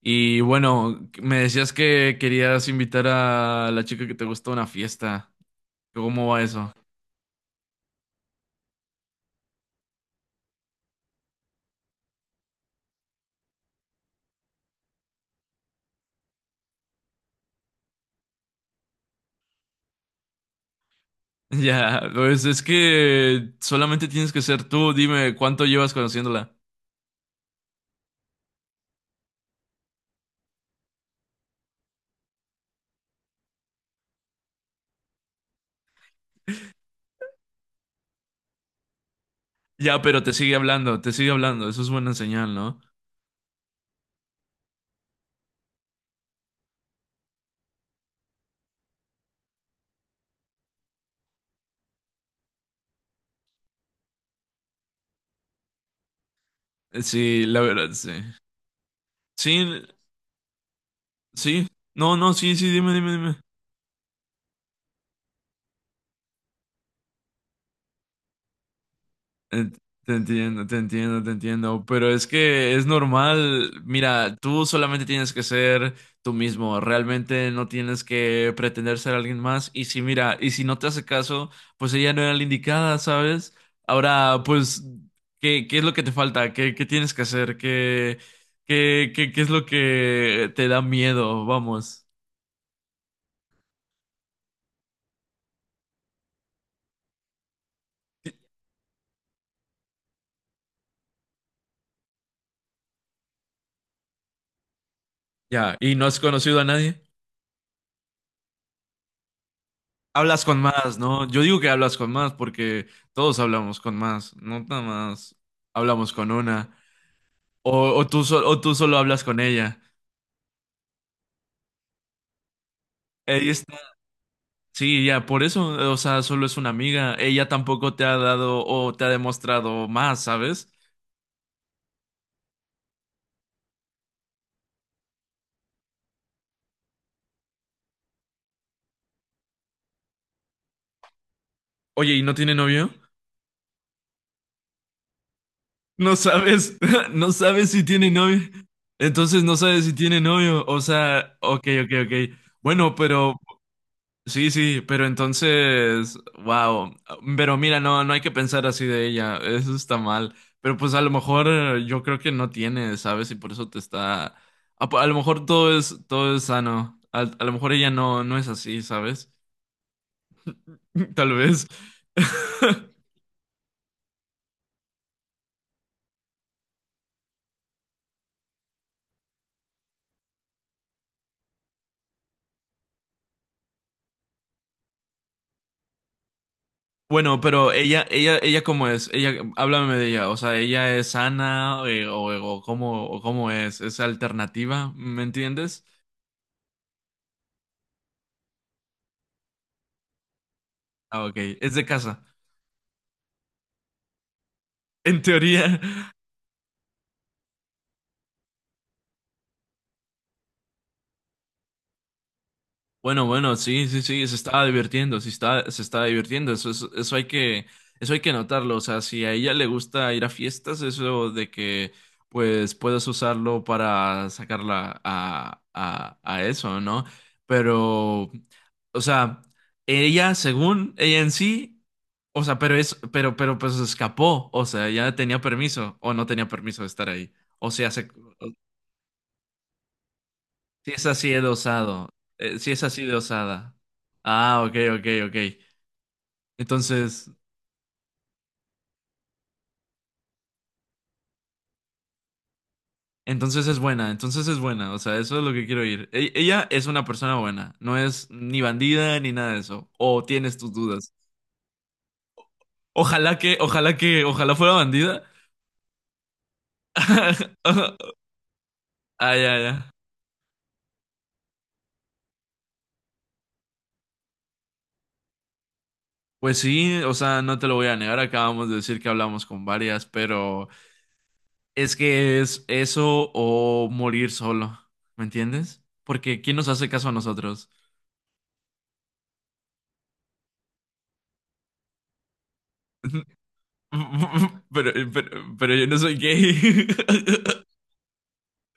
Y bueno, me decías que querías invitar a la chica que te gusta a una fiesta. ¿Cómo va eso? Ya, pues es que solamente tienes que ser tú. Dime, ¿cuánto llevas conociéndola? Ya, pero te sigue hablando, te sigue hablando. Eso es buena señal, ¿no? Sí, la verdad, sí. Sí, sí. No, no, sí, sí, dime, dime, dime. Ent- Te entiendo, te entiendo, te entiendo, pero es que es normal. Mira, tú solamente tienes que ser tú mismo, realmente no tienes que pretender ser alguien más. Y si, mira, y si no te hace caso, pues ella no era la indicada, ¿sabes? Ahora, pues, ¿qué es lo que te falta? ¿Qué tienes que hacer? ¿Qué es lo que te da miedo? Vamos. Ya, ¿y no has conocido a nadie? Hablas con más, ¿no? Yo digo que hablas con más porque todos hablamos con más, no nada más hablamos con una. O tú solo hablas con ella. Ella está, sí, ya, por eso, o sea, solo es una amiga. Ella tampoco te ha dado o te ha demostrado más, ¿sabes? Oye, ¿y no tiene novio? No sabes, no sabes si tiene novio. Entonces no sabes si tiene novio. O sea, ok, ok, ok. Bueno, pero Sí, sí, pero entonces, wow, pero mira, no, no hay que pensar así de ella, eso está mal. Pero pues a lo mejor, yo creo que no tiene, ¿sabes? Y por eso te está, a, po- a lo mejor todo es sano. A lo mejor ella no, no es así, ¿sabes? Tal vez. Bueno, pero ella cómo es, háblame de ella. O sea, ella es sana, o cómo es. Es alternativa, ¿me entiendes? Ah, ok, es de casa, en teoría. Bueno, bueno, sí, sí, sí, se estaba divirtiendo, sí está, se estaba divirtiendo. Eso, eso hay que notarlo. O sea, si a ella le gusta ir a fiestas, eso de que, pues, puedes usarlo para sacarla a eso, ¿no? Pero, o sea, ella, según ella en sí, o sea, pues, escapó. O sea, ya tenía permiso o no tenía permiso de estar ahí, o sea, se, si es así de osado. Si es así de osada. Ah, ok, ok, ok. Entonces, entonces es buena, entonces es buena. O sea, eso es lo que quiero ir. Ella es una persona buena. No es ni bandida ni nada de eso. O tienes tus dudas. Ojalá que, ojalá que, ojalá fuera bandida. Ay, ay, ay. Pues sí, o sea, no te lo voy a negar. Acabamos de decir que hablamos con varias, pero es que es eso o morir solo. ¿Me entiendes? Porque ¿quién nos hace caso a nosotros? Pero, pero, pero yo no soy gay.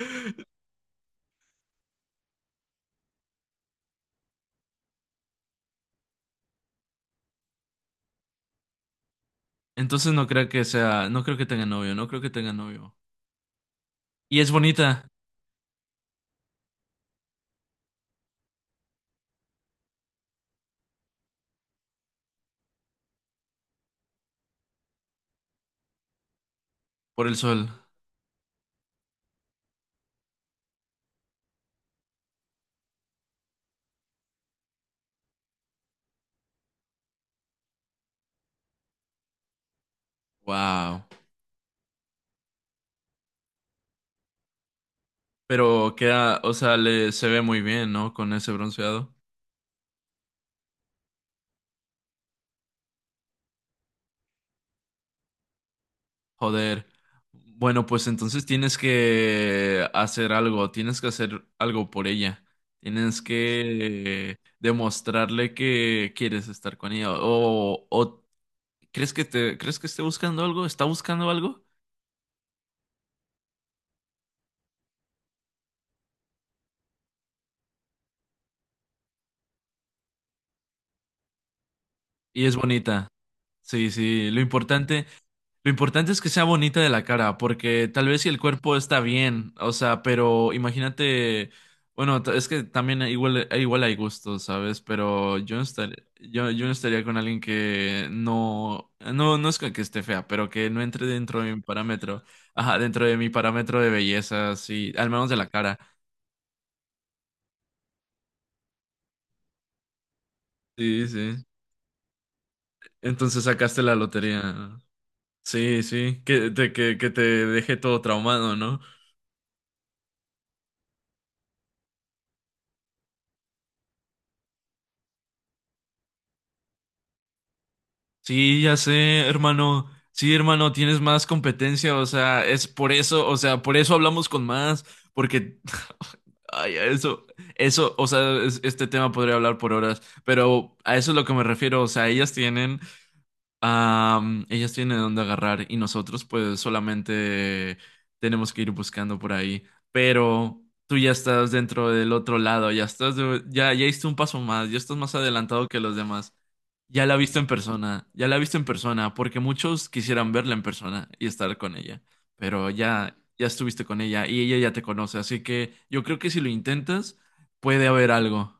Entonces no creo que sea, no creo que tenga novio, no creo que tenga novio. Y es bonita por el sol. Wow. Pero queda, o sea, le se ve muy bien, ¿no? Con ese bronceado. Joder. Bueno, pues entonces tienes que hacer algo, tienes que hacer algo por ella. Tienes que demostrarle que quieres estar con ella. O crees que esté buscando algo? ¿Está buscando algo? Y es bonita. Sí, sí. Lo importante es que sea bonita de la cara, porque tal vez si el cuerpo está bien, o sea, pero imagínate, bueno, es que también, igual, igual hay gustos, ¿sabes? Pero yo no estaría, yo no estaría con alguien que no, no, no es que esté fea, pero que no entre dentro de mi parámetro, ajá, dentro de mi parámetro de belleza, sí, al menos de la cara. Sí, sí. Entonces sacaste la lotería. Sí, sí, que te dejé todo traumado, ¿no? Sí, ya sé, hermano. Sí, hermano, tienes más competencia, o sea, es por eso, o sea, por eso hablamos con más, porque, ay, a eso, eso, o sea, este tema podría hablar por horas, pero a eso es lo que me refiero. O sea, ellas tienen dónde agarrar y nosotros, pues, solamente tenemos que ir buscando por ahí. Pero tú ya estás dentro del otro lado. Ya estás, ya hiciste un paso más. Ya estás más adelantado que los demás. Ya la he visto en persona, ya la he visto en persona, porque muchos quisieran verla en persona y estar con ella, pero ya, ya estuviste con ella y ella ya te conoce, así que yo creo que si lo intentas, puede haber algo.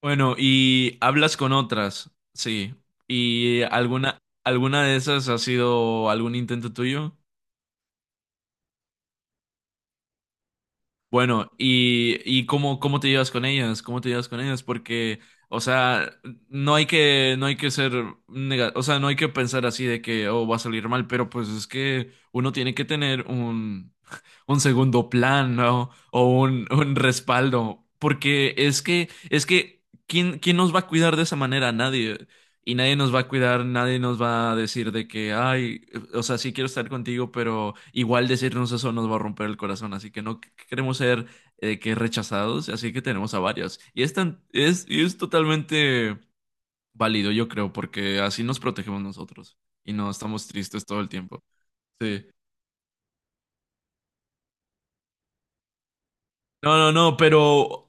Bueno, y hablas con otras, sí. ¿Y alguna de esas ha sido algún intento tuyo? Bueno, y cómo te llevas con ellas, cómo te llevas con ellas. Porque, o sea, no hay que, no hay que ser o sea, no hay que pensar así de que, oh, va a salir mal. Pero pues es que uno tiene que tener un segundo plan, ¿no? O un respaldo. Porque es que, quién nos va a cuidar de esa manera? Nadie. Y nadie nos va a cuidar, nadie nos va a decir de que, ay, o sea, sí quiero estar contigo, pero igual decirnos eso nos va a romper el corazón, así que no queremos ser que rechazados, así que tenemos a varios. Y y es totalmente válido, yo creo, porque así nos protegemos nosotros y no estamos tristes todo el tiempo. Sí. No, no, no,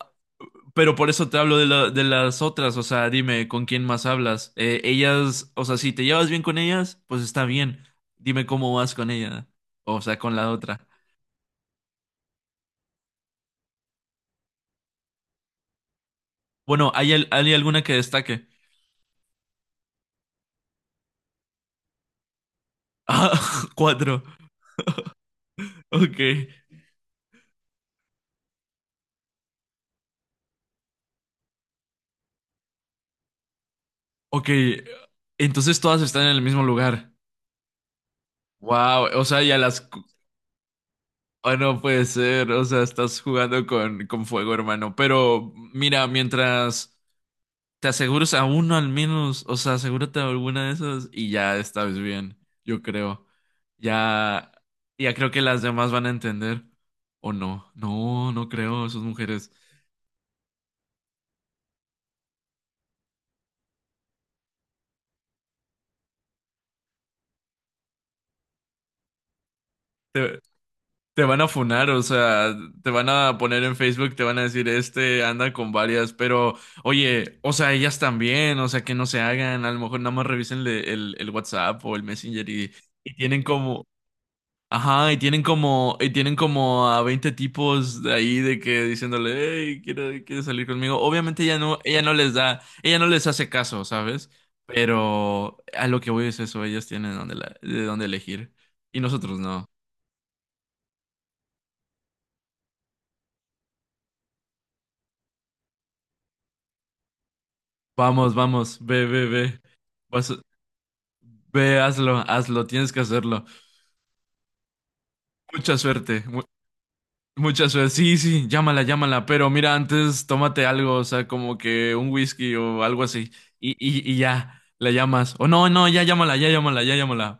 pero por eso te hablo de las otras. O sea, dime, ¿con quién más hablas? Ellas, o sea, si te llevas bien con ellas, pues está bien. Dime cómo vas con ella, o sea, con la otra. Bueno, hay alguna que destaque? Ah, cuatro, ok, ok, entonces todas están en el mismo lugar. Wow, o sea, ya las... no puede ser. O sea, estás jugando con fuego, hermano. Pero mira, mientras... Te aseguras a uno al menos, o sea, asegúrate de alguna de esas y ya estás bien, yo creo. Ya, ya creo que las demás van a entender. ¿O no? No, no creo, esas mujeres. Te, Te van a funar. O sea, te van a poner en Facebook, te van a decir, este anda con varias. Pero oye, o sea, ellas también, o sea, que no se hagan. A lo mejor nada más revisen el WhatsApp o el Messenger y tienen como, ajá, y tienen como a 20 tipos de ahí de que diciéndole, hey, quiere salir conmigo. Obviamente ella no les da, ella no les hace caso, ¿sabes? Pero a lo que voy es eso, ellos tienen de dónde elegir. Y nosotros no. Vamos, vamos, ve, ve, ve. Vas- Ve, hazlo, hazlo, tienes que hacerlo. Mucha suerte. Mucha suerte. Sí, sí, llámala, llámala. Pero mira, antes tómate algo, o sea, como que un whisky o algo así. Y ya, la llamas. O no, no, ya llámala, ya llámala, ya llámala.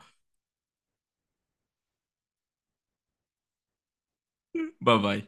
Bye bye.